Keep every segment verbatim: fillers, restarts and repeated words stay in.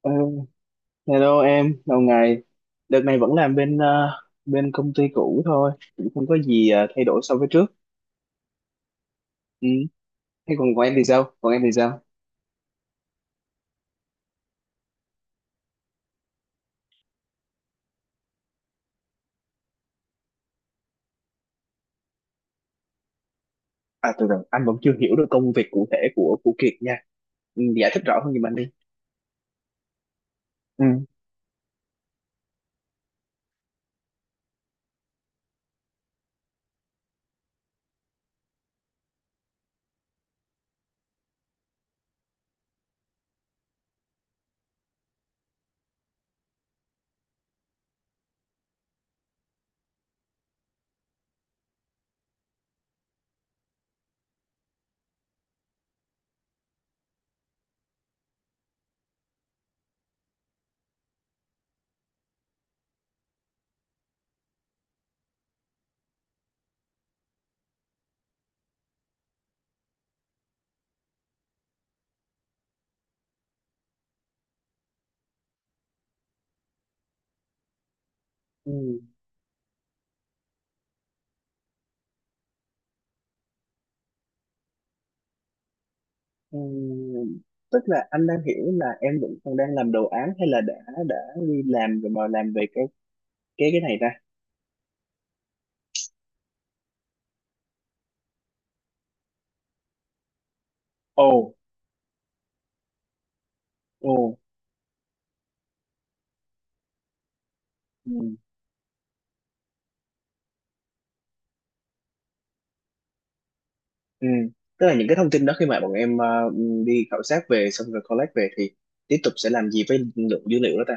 Ờ, hello em, lâu ngày. Đợt này vẫn làm bên ờ, bên công ty cũ thôi, cũng không có gì ờ, thay đổi so với trước. Ừ. Thế còn của em thì sao? Còn em thì sao? À, từ từ, anh vẫn chưa hiểu được công việc cụ thể của của Kiệt nha. Ừ, giải thích rõ hơn giùm anh đi. Ừ. Ừ. Ừ. Tức là anh đang hiểu là em vẫn còn đang làm đồ án hay là đã đã đi làm rồi mà làm về cái cái cái này ta? Ồ, ồ. Ừ. Tức là những cái thông tin đó khi mà bọn em ờ, đi khảo sát về xong rồi collect về thì tiếp tục sẽ làm gì với lượng dữ liệu đó ta?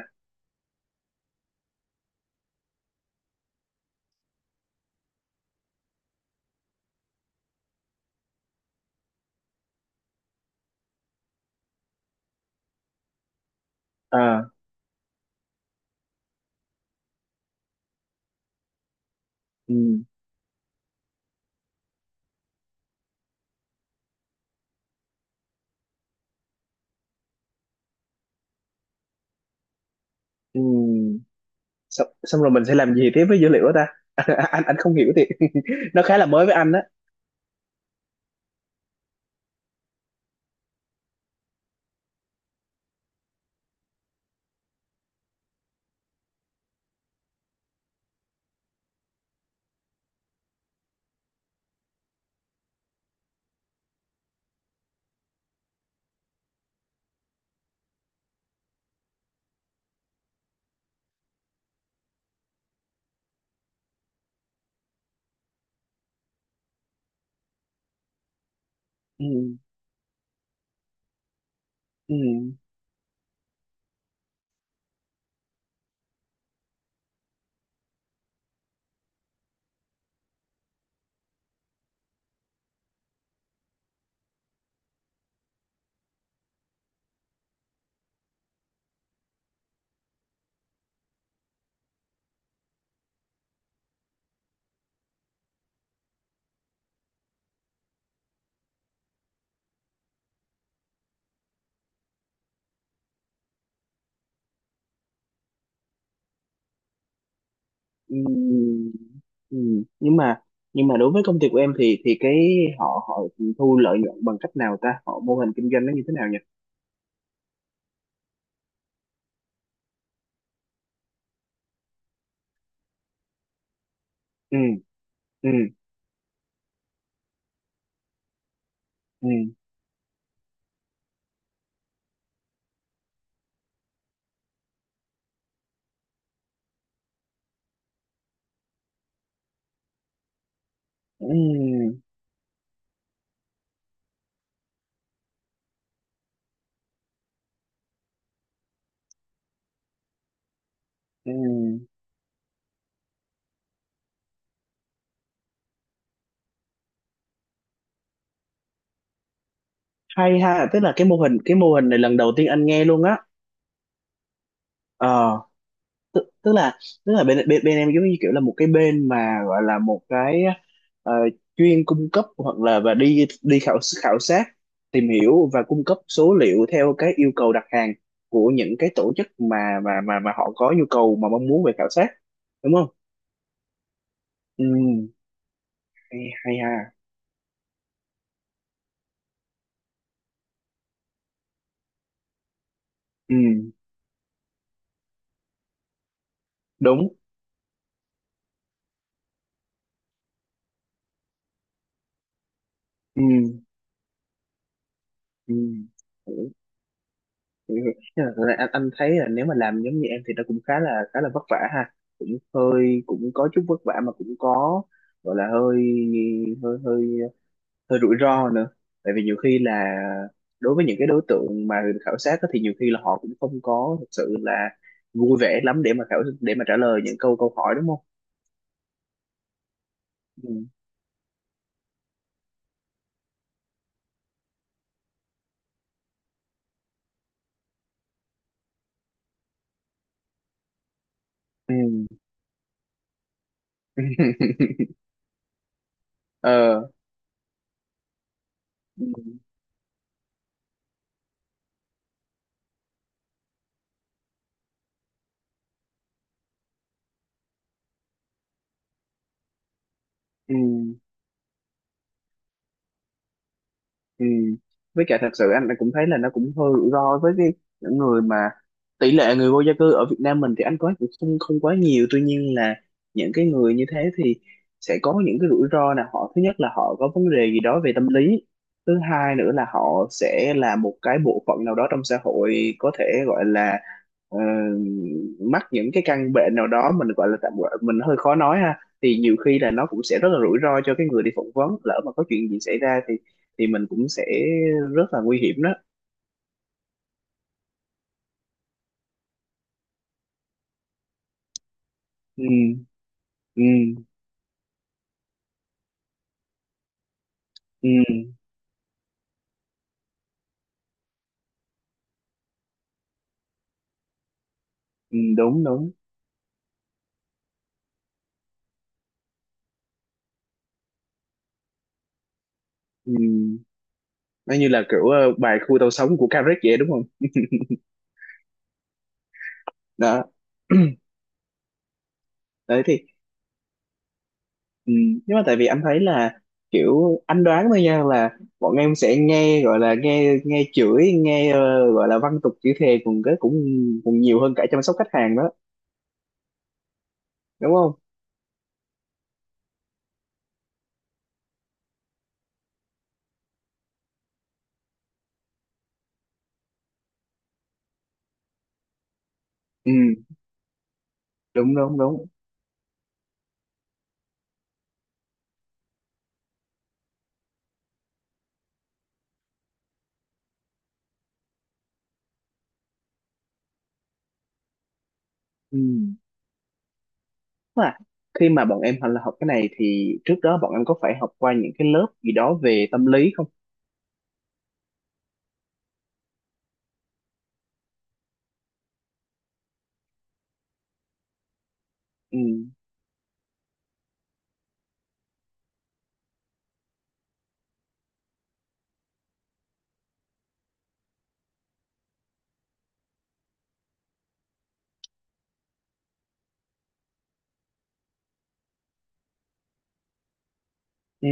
À, ừ, ừ. Xong, xong rồi mình sẽ làm gì tiếp với dữ liệu đó ta? anh anh không hiểu thì nó khá là mới với anh á. Ừ, ừ, ừ, ừ. Nhưng mà nhưng mà đối với công ty của em thì thì cái họ họ thu lợi nhuận bằng cách nào ta? Họ mô hình kinh doanh nó như thế nào nhỉ? Ừ, ừ, ừ, ừ, ừ. Hay ha, tức là cái mô hình cái mô hình này lần đầu tiên anh nghe luôn á. Ờ tức, tức là tức là bên, bên bên em giống như kiểu là một cái bên mà gọi là một cái ờ, chuyên cung cấp hoặc là và đi đi khảo khảo sát tìm hiểu và cung cấp số liệu theo cái yêu cầu đặt hàng của những cái tổ chức mà mà mà mà họ có nhu cầu mà mong muốn về khảo sát, đúng không? Ừ, hay, hay ha. Ừ, đúng. Ừ, ừ. Ừ. Nhưng mà thật ra anh, anh thấy là nếu mà làm giống như em thì nó cũng khá là khá là vất vả ha, cũng hơi cũng có chút vất vả mà cũng có gọi là hơi hơi hơi hơi rủi ro nữa, tại vì nhiều khi là đối với những cái đối tượng mà khảo sát á thì nhiều khi là họ cũng không có thật sự là vui vẻ lắm để mà khảo để mà trả lời những câu câu hỏi, đúng không? Ừ. Ừ. ờ, ừ. Ừ. Ừ. Với cả thật sự anh cũng thấy là nó cũng hơi rủi ro với cái những người mà, tỷ lệ người vô gia cư ở Việt Nam mình thì anh có cũng không không quá nhiều, tuy nhiên là những cái người như thế thì sẽ có những cái rủi ro là họ, thứ nhất là họ có vấn đề gì đó về tâm lý, thứ hai nữa là họ sẽ là một cái bộ phận nào đó trong xã hội có thể gọi là ờ, mắc những cái căn bệnh nào đó, mình gọi là tạm gọi mình hơi khó nói ha, thì nhiều khi là nó cũng sẽ rất là rủi ro cho cái người đi phỏng vấn, lỡ mà có chuyện gì xảy ra thì thì mình cũng sẽ rất là nguy hiểm đó. Ừ. Ừ. Ừ, ừ, đúng đúng. Ừ. Nó như là kiểu ờ, bài khu tàu sống của Carrick vậy, đúng không? Đó. Đấy thì, ừ, nhưng mà tại vì anh thấy là kiểu anh đoán thôi nha, là bọn em sẽ nghe gọi là nghe nghe chửi nghe ờ, gọi là văn tục chửi thề cùng cái cũng cũng nhiều hơn cả chăm sóc khách hàng đó, đúng không? Ừ, đúng đúng đúng. Ừ, à, khi mà bọn em học là học cái này thì trước đó bọn em có phải học qua những cái lớp gì đó về tâm lý không? Ừ. Ừ.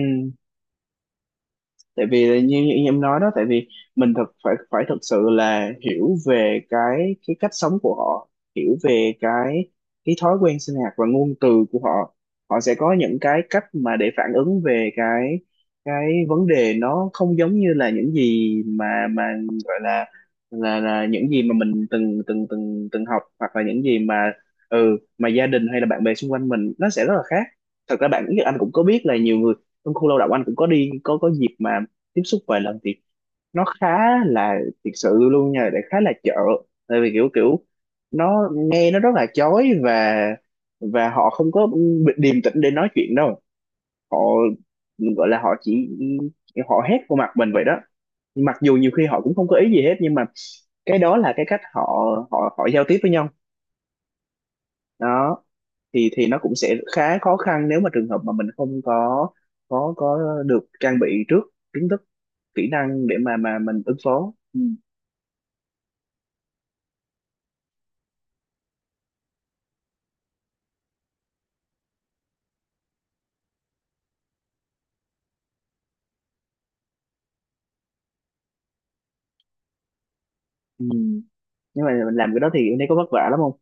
Tại vì là như, như em nói đó, tại vì mình thật phải phải thật sự là hiểu về cái cái cách sống của họ, hiểu về cái cái thói quen sinh hoạt và ngôn từ của họ, họ sẽ có những cái cách mà để phản ứng về cái cái vấn đề, nó không giống như là những gì mà mà gọi là là là những gì mà mình từng từng từng từng học, hoặc là những gì mà, ừ, mà gia đình hay là bạn bè xung quanh mình, nó sẽ rất là khác. Thật ra bạn biết anh cũng có biết là nhiều người trong khu lao động anh cũng có đi có có dịp mà tiếp xúc vài lần thì nó khá là thiệt sự luôn nha, để khá là chợ, tại vì kiểu kiểu nó nghe nó rất là chói và và họ không có điềm tĩnh để nói chuyện đâu, họ gọi là họ chỉ họ hét vô mặt mình vậy đó, mặc dù nhiều khi họ cũng không có ý gì hết nhưng mà cái đó là cái cách họ họ họ giao tiếp với nhau đó, thì thì nó cũng sẽ khá khó khăn nếu mà trường hợp mà mình không có có có được trang bị trước kiến thức kỹ năng để mà mà mình ứng phó. Ừ. Ừ. Nhưng mà mình làm cái đó thì em thấy có vất vả lắm không?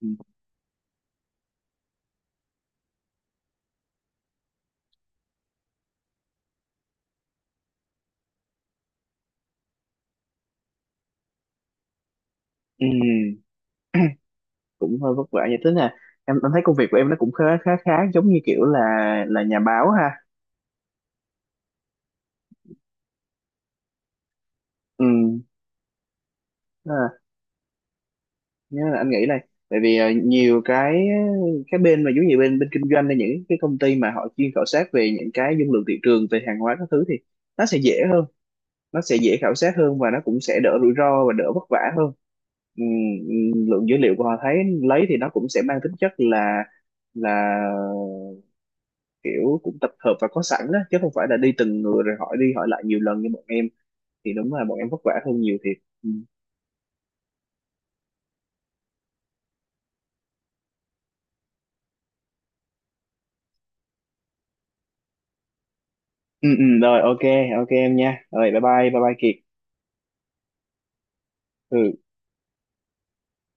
Ừ. Ừ. Cũng hơi vất vả vậy, tức là em em thấy công việc của em nó cũng khá khá khá giống như kiểu là là nhà báo ha. Ừ, à, nhưng mà anh nghĩ này, tại vì ờ, nhiều cái cái bên mà giống như bên bên kinh doanh hay những cái công ty mà họ chuyên khảo sát về những cái dung lượng thị trường về hàng hóa các thứ thì nó sẽ dễ hơn, nó sẽ dễ khảo sát hơn và nó cũng sẽ đỡ rủi ro và đỡ vất vả hơn. Ừm, ừm, lượng dữ liệu của họ thấy lấy thì nó cũng sẽ mang tính chất là là kiểu cũng tập hợp và có sẵn đó, chứ không phải là đi từng người rồi hỏi đi hỏi lại nhiều lần như bọn em thì đúng là bọn em vất vả hơn nhiều thiệt. Ừ. Ừ, ừ, rồi ok, ok em nha, rồi bye bye bye bye Kiệt. Ừ.